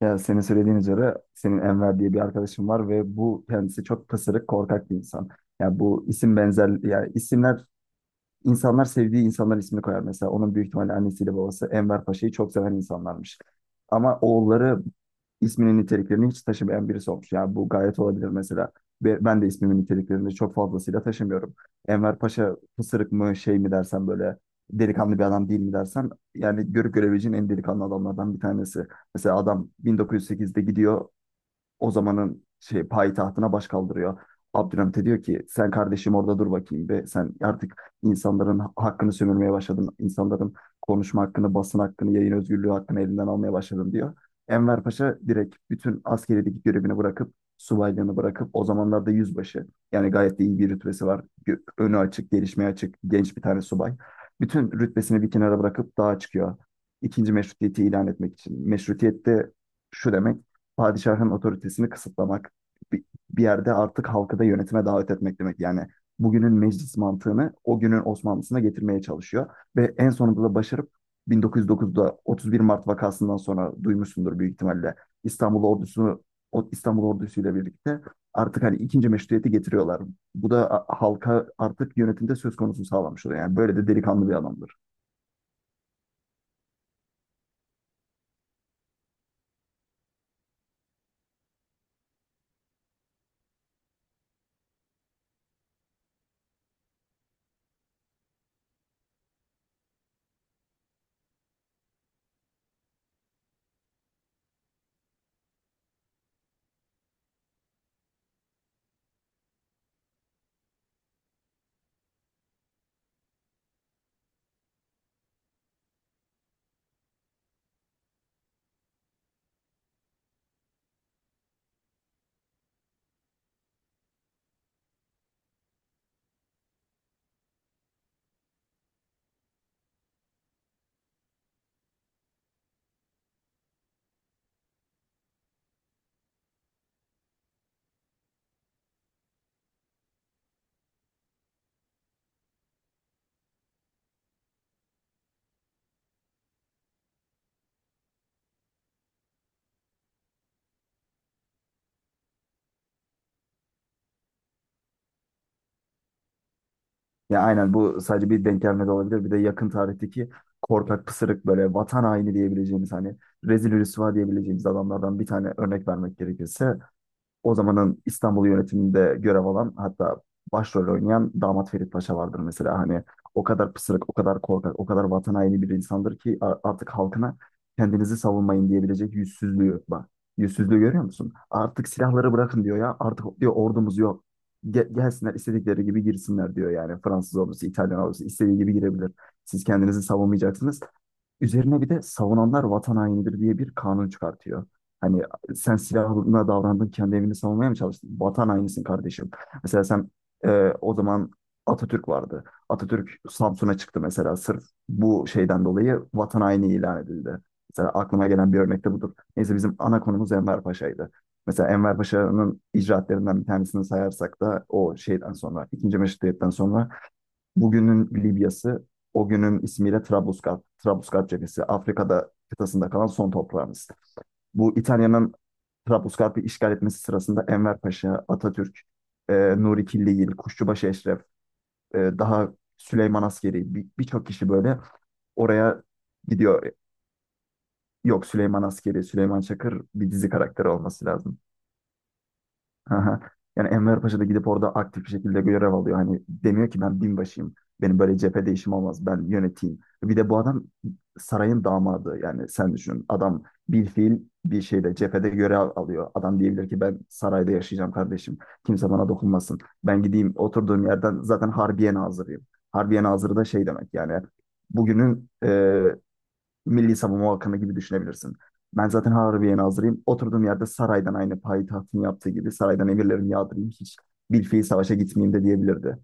Ya senin söylediğin üzere senin Enver diye bir arkadaşım var ve bu kendisi çok pısırık, korkak bir insan. Ya bu isim benzer ya isimler İnsanlar sevdiği insanların ismini koyar mesela. Onun büyük ihtimalle annesiyle babası Enver Paşa'yı çok seven insanlarmış. Ama oğulları isminin niteliklerini hiç taşımayan birisi olmuş. Yani bu gayet olabilir mesela. Ve ben de ismimin niteliklerini çok fazlasıyla taşımıyorum. Enver Paşa pısırık mı şey mi dersen böyle delikanlı bir adam değil mi dersen yani görüp görebileceğin en delikanlı adamlardan bir tanesi. Mesela adam 1908'de gidiyor, o zamanın şey payitahtına baş kaldırıyor. Abdülhamit'e diyor ki sen kardeşim orada dur bakayım be, sen artık insanların hakkını sömürmeye başladın. İnsanların konuşma hakkını, basın hakkını, yayın özgürlüğü hakkını elinden almaya başladın diyor. Enver Paşa direkt bütün askerideki görevini bırakıp subaylığını bırakıp o zamanlarda yüzbaşı, yani gayet de iyi bir rütbesi var. Önü açık, gelişmeye açık genç bir tane subay. Bütün rütbesini bir kenara bırakıp dağa çıkıyor. İkinci meşrutiyeti ilan etmek için. Meşrutiyet de şu demek: padişahın otoritesini kısıtlamak, bir, bir yerde artık halkı da yönetime davet etmek demek. Yani bugünün meclis mantığını o günün Osmanlısına getirmeye çalışıyor ve en sonunda da başarıp 1909'da 31 Mart vakasından sonra, duymuşsundur büyük ihtimalle, İstanbul ordusu, o İstanbul ordusuyla birlikte artık hani ikinci meşruiyeti getiriyorlar. Bu da halka artık yönetimde söz konusu sağlamış oluyor. Yani böyle de delikanlı bir adamdı. Ya aynen, bu sadece bir denk gelme de olabilir. Bir de yakın tarihteki korkak pısırık böyle vatan haini diyebileceğimiz, hani rezil rüsva diyebileceğimiz adamlardan bir tane örnek vermek gerekirse, o zamanın İstanbul yönetiminde görev alan, hatta başrol oynayan Damat Ferit Paşa vardır mesela. Hani o kadar pısırık, o kadar korkak, o kadar vatan haini bir insandır ki artık halkına kendinizi savunmayın diyebilecek yüzsüzlüğü, bak. Yüzsüzlüğü görüyor musun? Artık silahları bırakın diyor ya. Artık diyor ordumuz yok. Gelsinler istedikleri gibi girsinler diyor yani. Fransız ordusu, İtalyan ordusu istediği gibi girebilir. Siz kendinizi savunmayacaksınız. Üzerine bir de savunanlar vatan hainidir diye bir kanun çıkartıyor. Hani sen silahına davrandın, kendi evini savunmaya mı çalıştın? Vatan hainisin kardeşim. Mesela sen, e, o zaman Atatürk vardı. Atatürk Samsun'a çıktı mesela, sırf bu şeyden dolayı vatan haini ilan edildi. Mesela aklıma gelen bir örnek de budur. Neyse, bizim ana konumuz Enver Paşa'ydı. Mesela Enver Paşa'nın icraatlerinden bir tanesini sayarsak da, o şeyden sonra, ikinci Meşrutiyet'ten sonra, bugünün Libya'sı, o günün ismiyle Trablusgarp, Trablusgarp cephesi, Afrika'da kıtasında kalan son toprağımız. Bu İtalya'nın Trablusgarp'ı işgal etmesi sırasında Enver Paşa, Atatürk, Nuri Killigil, Kuşçubaşı Eşref, daha Süleyman Askeri, birçok kişi böyle oraya gidiyor. Yok, Süleyman Askeri, Süleyman Çakır bir dizi karakteri olması lazım. Aha. Yani Enver Paşa da gidip orada aktif bir şekilde görev alıyor. Hani demiyor ki ben binbaşıyım. Benim böyle cephede işim olmaz. Ben yöneteyim. Bir de bu adam sarayın damadı. Yani sen düşün. Adam bir fiil bir şeyde cephede görev alıyor. Adam diyebilir ki ben sarayda yaşayacağım kardeşim. Kimse bana dokunmasın. Ben gideyim, oturduğum yerden zaten Harbiye Nazırıyım. Harbiye Nazırı da şey demek, yani bugünün Milli Savunma Bakanı gibi düşünebilirsin. Ben zaten Harbiye'ye nazırıyım. Oturduğum yerde saraydan, aynı payitahtın yaptığı gibi saraydan emirlerimi yağdırayım. Hiç bilfiil savaşa gitmeyeyim de diyebilirdi.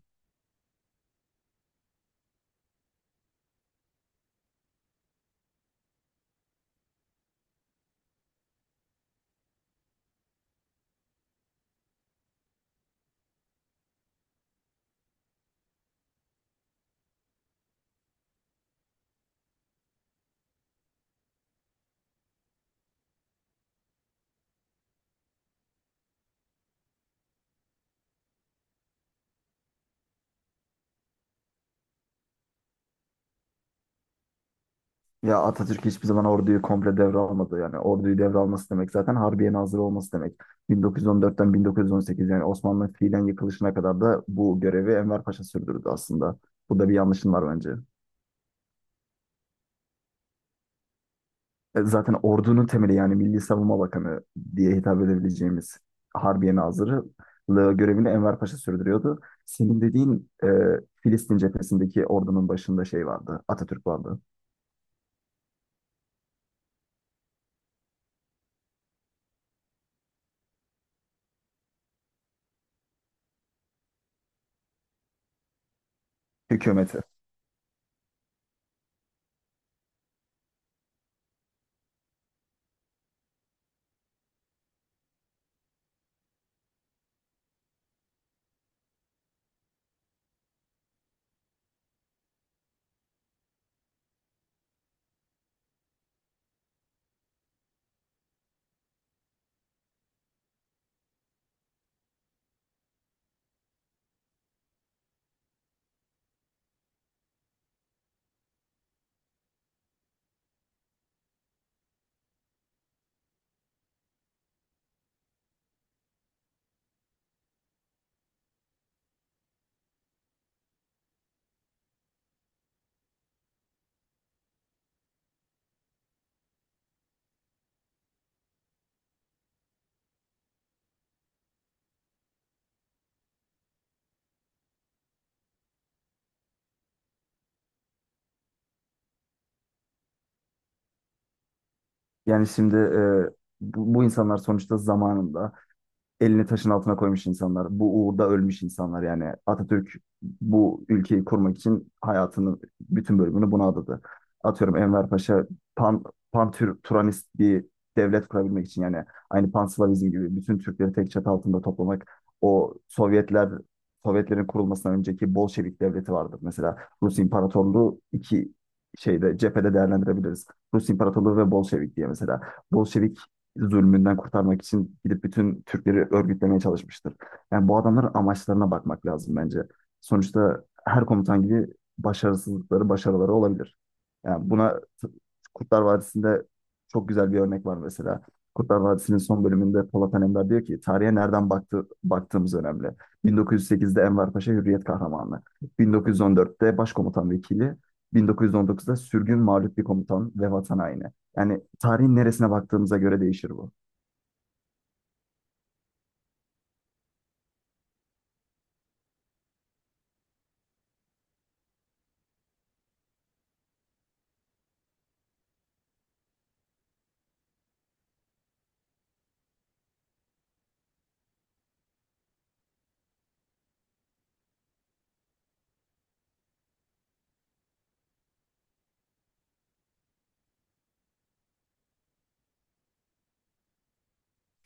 Ya Atatürk hiçbir zaman orduyu komple devralmadı. Yani orduyu devralması demek zaten Harbiye nazırı olması demek. 1914'ten 1918, yani Osmanlı fiilen yıkılışına kadar da bu görevi Enver Paşa sürdürdü aslında. Bu da bir yanlışın var bence. Zaten ordunun temeli, yani Milli Savunma Bakanı diye hitap edebileceğimiz Harbiye Nazırlığı görevini Enver Paşa sürdürüyordu. Senin dediğin Filistin cephesindeki ordunun başında şey vardı, Atatürk vardı, hükümeti. Yani şimdi bu insanlar sonuçta zamanında elini taşın altına koymuş insanlar, bu uğurda ölmüş insanlar. Yani Atatürk bu ülkeyi kurmak için hayatının bütün bölümünü buna adadı. Atıyorum Enver Paşa pan, pan-Turanist bir devlet kurabilmek için, yani aynı Panslavizm gibi bütün Türkleri tek çatı altında toplamak, o Sovyetlerin kurulmasından önceki Bolşevik devleti vardır. Mesela Rus İmparatorluğu iki şeyde cephede değerlendirebiliriz. Rus İmparatorluğu ve Bolşevik diye mesela. Bolşevik zulmünden kurtarmak için gidip bütün Türkleri örgütlemeye çalışmıştır. Yani bu adamların amaçlarına bakmak lazım bence. Sonuçta her komutan gibi başarısızlıkları, başarıları olabilir. Yani buna Kurtlar Vadisi'nde çok güzel bir örnek var mesela. Kurtlar Vadisi'nin son bölümünde Polat Alemdar diyor ki tarihe nereden baktığımız önemli. 1908'de Enver Paşa Hürriyet Kahramanı, 1914'te Başkomutan Vekili, 1919'da sürgün mağlup bir komutan ve vatan haini. Yani tarihin neresine baktığımıza göre değişir bu.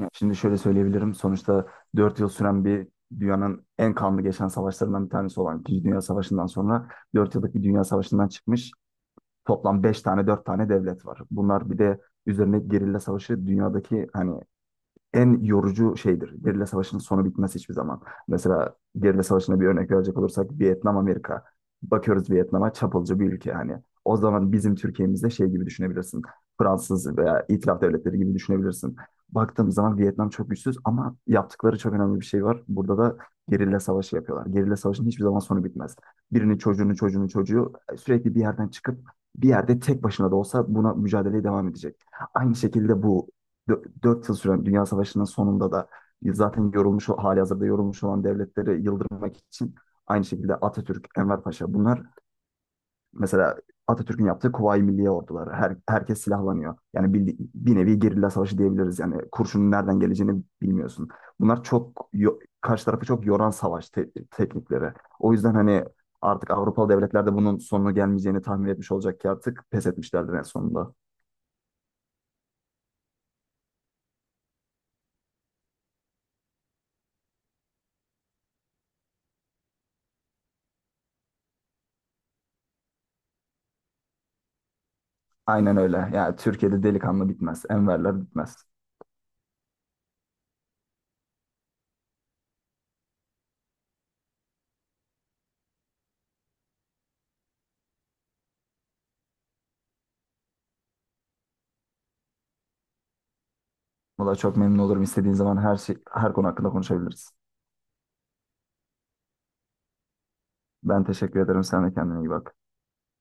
Yani şimdi şöyle söyleyebilirim. Sonuçta 4 yıl süren bir, dünyanın en kanlı geçen savaşlarından bir tanesi olan İkinci Dünya Savaşı'ndan sonra, 4 yıllık bir dünya savaşından çıkmış toplam 5 tane 4 tane devlet var. Bunlar bir de üzerine gerilla savaşı, dünyadaki hani en yorucu şeydir. Gerilla savaşının sonu bitmez hiçbir zaman. Mesela gerilla savaşına bir örnek verecek olursak, Vietnam Amerika. Bakıyoruz Vietnam'a, çapulcu bir ülke hani. O zaman bizim Türkiye'mizde şey gibi düşünebilirsin. Fransız veya itilaf devletleri gibi düşünebilirsin. Baktığımız zaman Vietnam çok güçsüz ama yaptıkları çok önemli bir şey var. Burada da gerilla savaşı yapıyorlar. Gerilla savaşının hiçbir zaman sonu bitmez. Birinin çocuğunun çocuğunun çocuğu sürekli bir yerden çıkıp bir yerde tek başına da olsa buna mücadeleye devam edecek. Aynı şekilde bu 4 yıl süren Dünya Savaşı'nın sonunda da zaten yorulmuş, hali hazırda yorulmuş olan devletleri yıldırmak için, aynı şekilde Atatürk, Enver Paşa bunlar, mesela Atatürk'ün yaptığı Kuvayi Milliye orduları. Herkes silahlanıyor. Yani bir nevi gerilla savaşı diyebiliriz. Yani kurşunun nereden geleceğini bilmiyorsun. Bunlar çok karşı tarafı çok yoran savaş teknikleri. O yüzden hani artık Avrupalı devletler de bunun sonunu gelmeyeceğini tahmin etmiş olacak ki artık pes etmişlerdir en sonunda. Aynen öyle. Yani Türkiye'de delikanlı bitmez. Enverler bitmez. Valla çok memnun olurum. İstediğin zaman her şey, her konu hakkında konuşabiliriz. Ben teşekkür ederim. Sen de kendine iyi bak.